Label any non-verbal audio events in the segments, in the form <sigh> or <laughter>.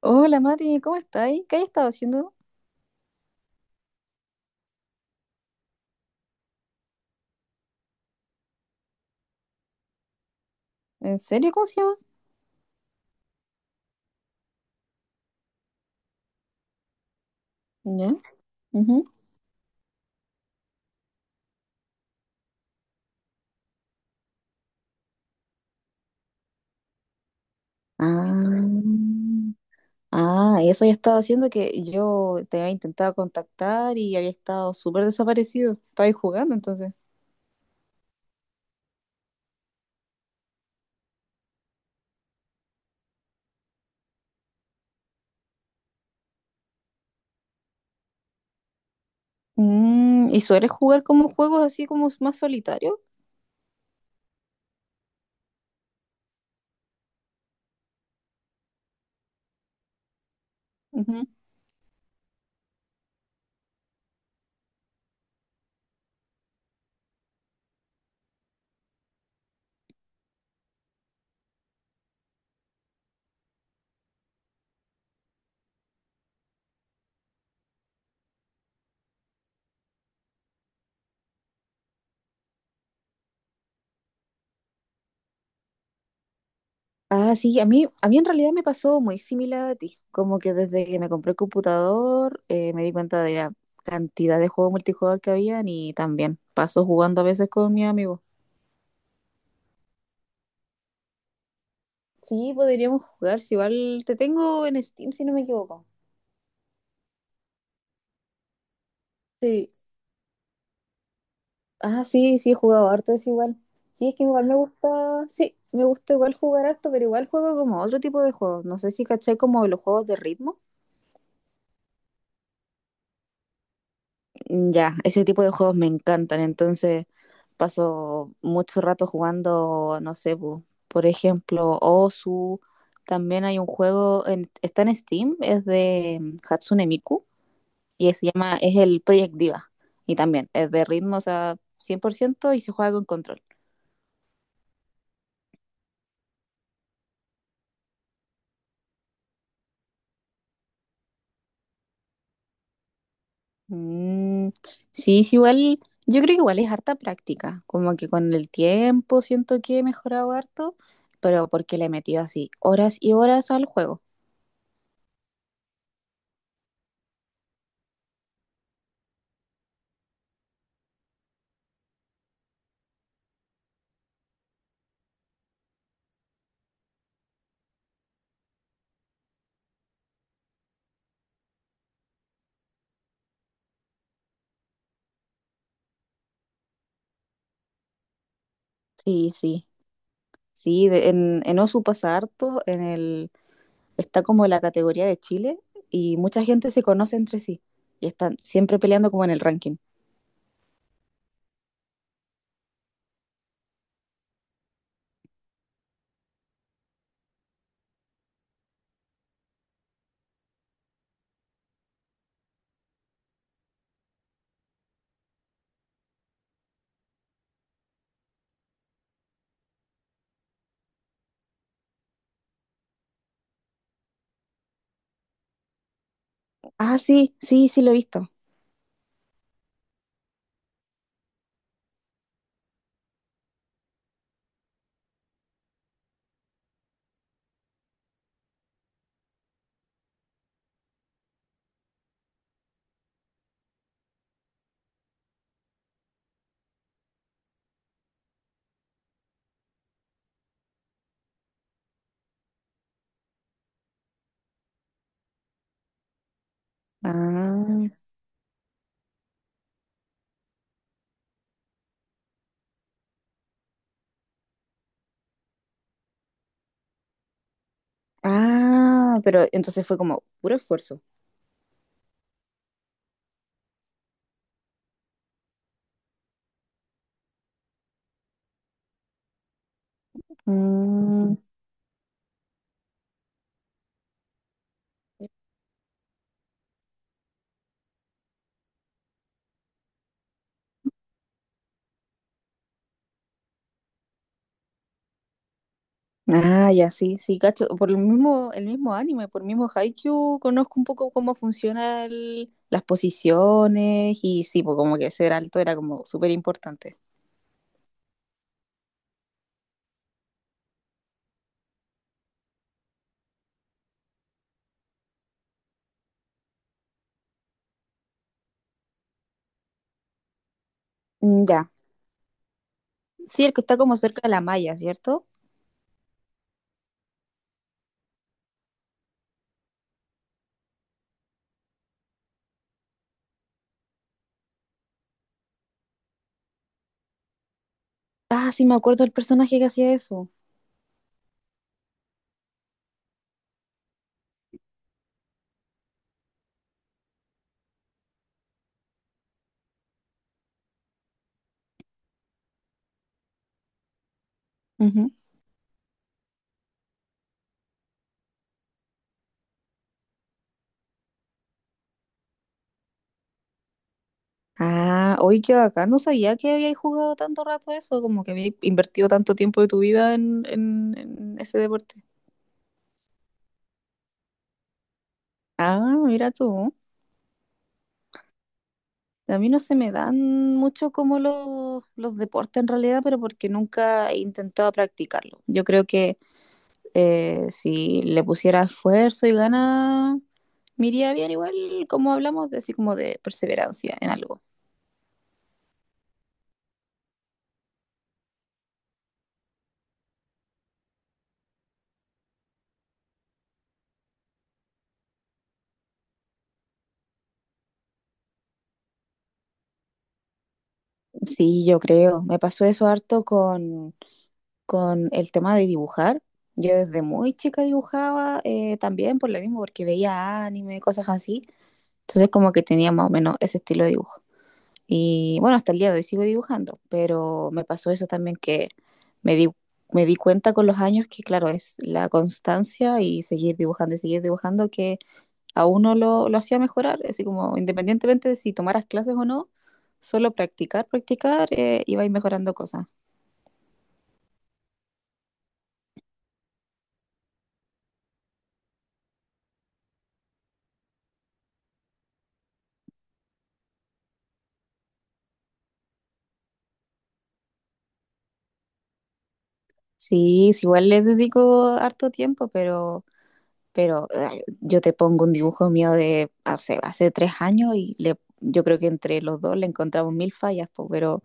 Hola Mati, ¿cómo estáis? ¿Qué has estado haciendo? ¿En serio? ¿Cómo se llama? ¿Ya? Ujú. Ah, y eso ya estaba haciendo que yo te había intentado contactar y había estado súper desaparecido. Estabais jugando entonces. ¿Y sueles jugar como juegos así como más solitarios? Ujú. Ah, sí, a mí en realidad me pasó muy similar a ti. Como que desde que me compré el computador me di cuenta de la cantidad de juegos multijugador que habían y también paso jugando a veces con mi amigo. Sí, podríamos jugar, si igual te tengo en Steam, si no me equivoco. Sí. Ah, sí, sí, he jugado harto, es igual. Sí, es que igual me gusta, sí, me gusta igual jugar harto, pero igual juego como otro tipo de juegos. No sé si caché como los juegos de ritmo. Mm, ya, ese tipo de juegos me encantan, entonces paso mucho rato jugando, no sé, po, por ejemplo, Osu. También hay un juego, está en Steam, es de Hatsune Miku y se llama, es el Project Diva. Y también es de ritmos a 100% y se juega con control. Mm, sí, sí, igual, yo creo que igual es harta práctica, como que con el tiempo siento que he mejorado harto, pero porque le he metido así horas y horas al juego. Sí, sí, sí, en Osu pasa harto, está como la categoría de Chile y mucha gente se conoce entre sí y están siempre peleando como en el ranking. Ah, sí, sí, sí lo he visto. Ah. Ah, pero entonces fue como puro esfuerzo. Mm, ah, ya, sí, sí, cacho. Por el mismo anime, por el mismo Haikyuu, conozco un poco cómo funcionan las posiciones y sí, pues como que ser alto era como súper importante. Mm, ya. Sí, el que está como cerca de la malla, ¿cierto? Ah, sí, me acuerdo del personaje que hacía eso. Ujú. Ah, hoy que acá no sabía que habías jugado tanto rato eso, como que habías invertido tanto tiempo de tu vida en ese deporte. Ah, mira tú. A mí no se me dan mucho como los deportes en realidad, pero porque nunca he intentado practicarlo. Yo creo que si le pusiera esfuerzo y ganas, me iría bien igual como hablamos de así como de perseverancia en algo. Sí, yo creo. Me pasó eso harto con el tema de dibujar. Yo desde muy chica dibujaba también por lo mismo, porque veía anime, cosas así. Entonces como que tenía más o menos ese estilo de dibujo. Y bueno, hasta el día de hoy sigo dibujando, pero me pasó eso también que me di, me di cuenta con los años que, claro, es la constancia y seguir dibujando que a uno lo hacía mejorar, así como independientemente de si tomaras clases o no, solo practicar, practicar, iba a ir mejorando cosas. Sí, sí, igual les dedico harto tiempo, pero ay, yo te pongo un dibujo mío de hace 3 años y le, yo creo que entre los dos le encontramos mil fallas, po, pero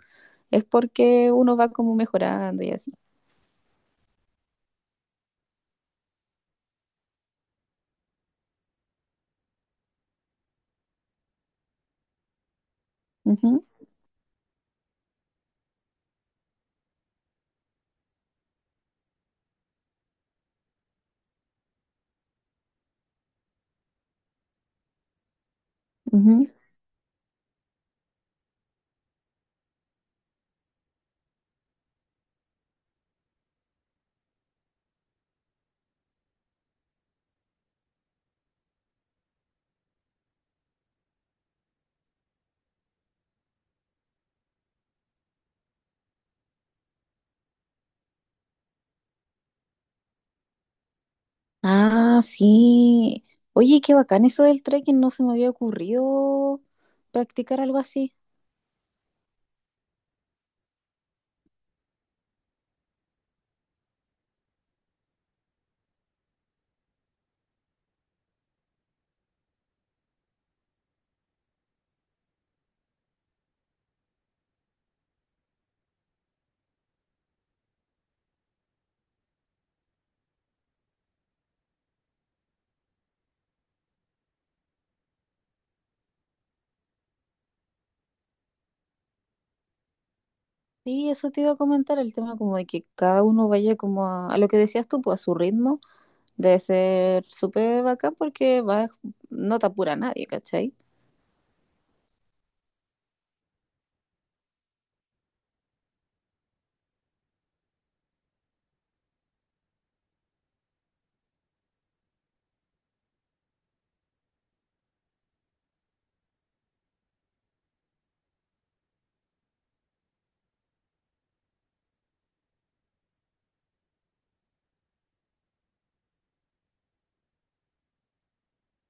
es porque uno va como mejorando y así. Ujú. Ujú. Ah, sí. Oye, qué bacán eso del trekking, no se me había ocurrido practicar algo así. Sí, eso te iba a comentar, el tema como de que cada uno vaya como a lo que decías tú, pues a su ritmo, debe ser súper bacán porque vas, no te apura nadie, ¿cachai?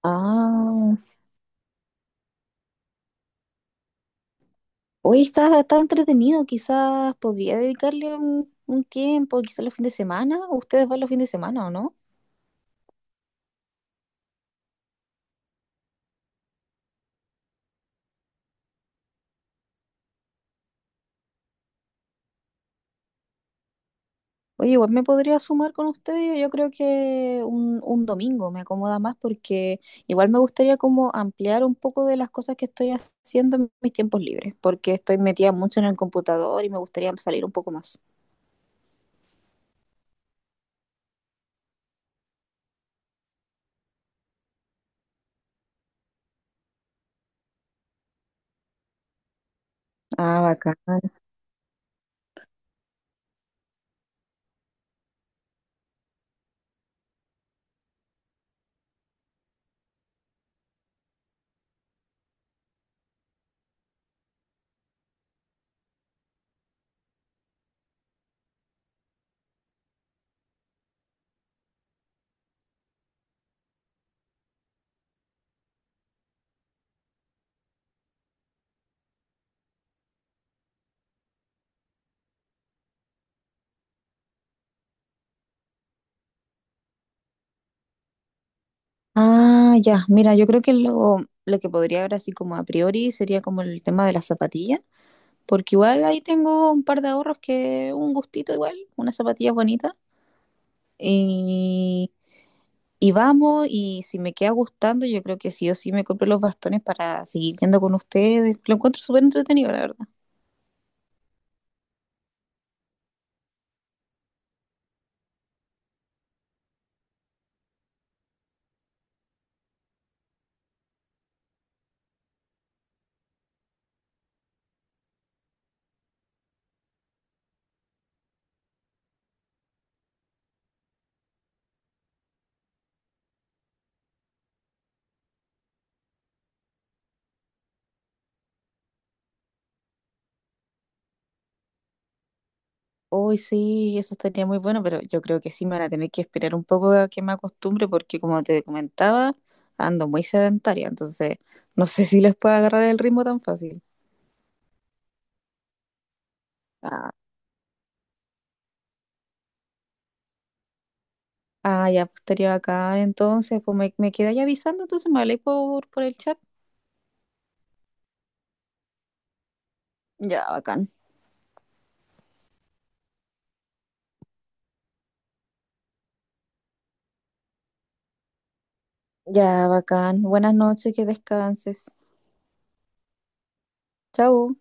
Ah, hoy está, está entretenido, quizás podría dedicarle un tiempo, quizás los fines de semana, ustedes van los fines de semana, ¿o no? Oye, igual me podría sumar con ustedes, yo creo que un domingo me acomoda más porque igual me gustaría como ampliar un poco de las cosas que estoy haciendo en mis tiempos libres, porque estoy metida mucho en el computador y me gustaría salir un poco más. Ah, bacán. Ah, ya, mira, yo creo que lo que podría ver así como a priori sería como el tema de las zapatillas, porque igual ahí tengo un par de ahorros que un gustito igual, unas zapatillas bonitas. y Y vamos, y si me queda gustando, yo creo que sí o sí me compré los bastones para seguir viendo con ustedes. Lo encuentro súper entretenido, la verdad. Hoy sí, eso estaría muy bueno, pero yo creo que sí me van a tener que esperar un poco a que me acostumbre, porque como te comentaba, ando muy sedentaria, entonces no sé <laughs> si les puedo agarrar el ritmo tan fácil. Ah, ya, pues estaría bacán, entonces, pues me quedáis avisando, entonces me habléis por el chat. Ya, bacán. Ya, bacán. Buenas noches, que descanses. Chao.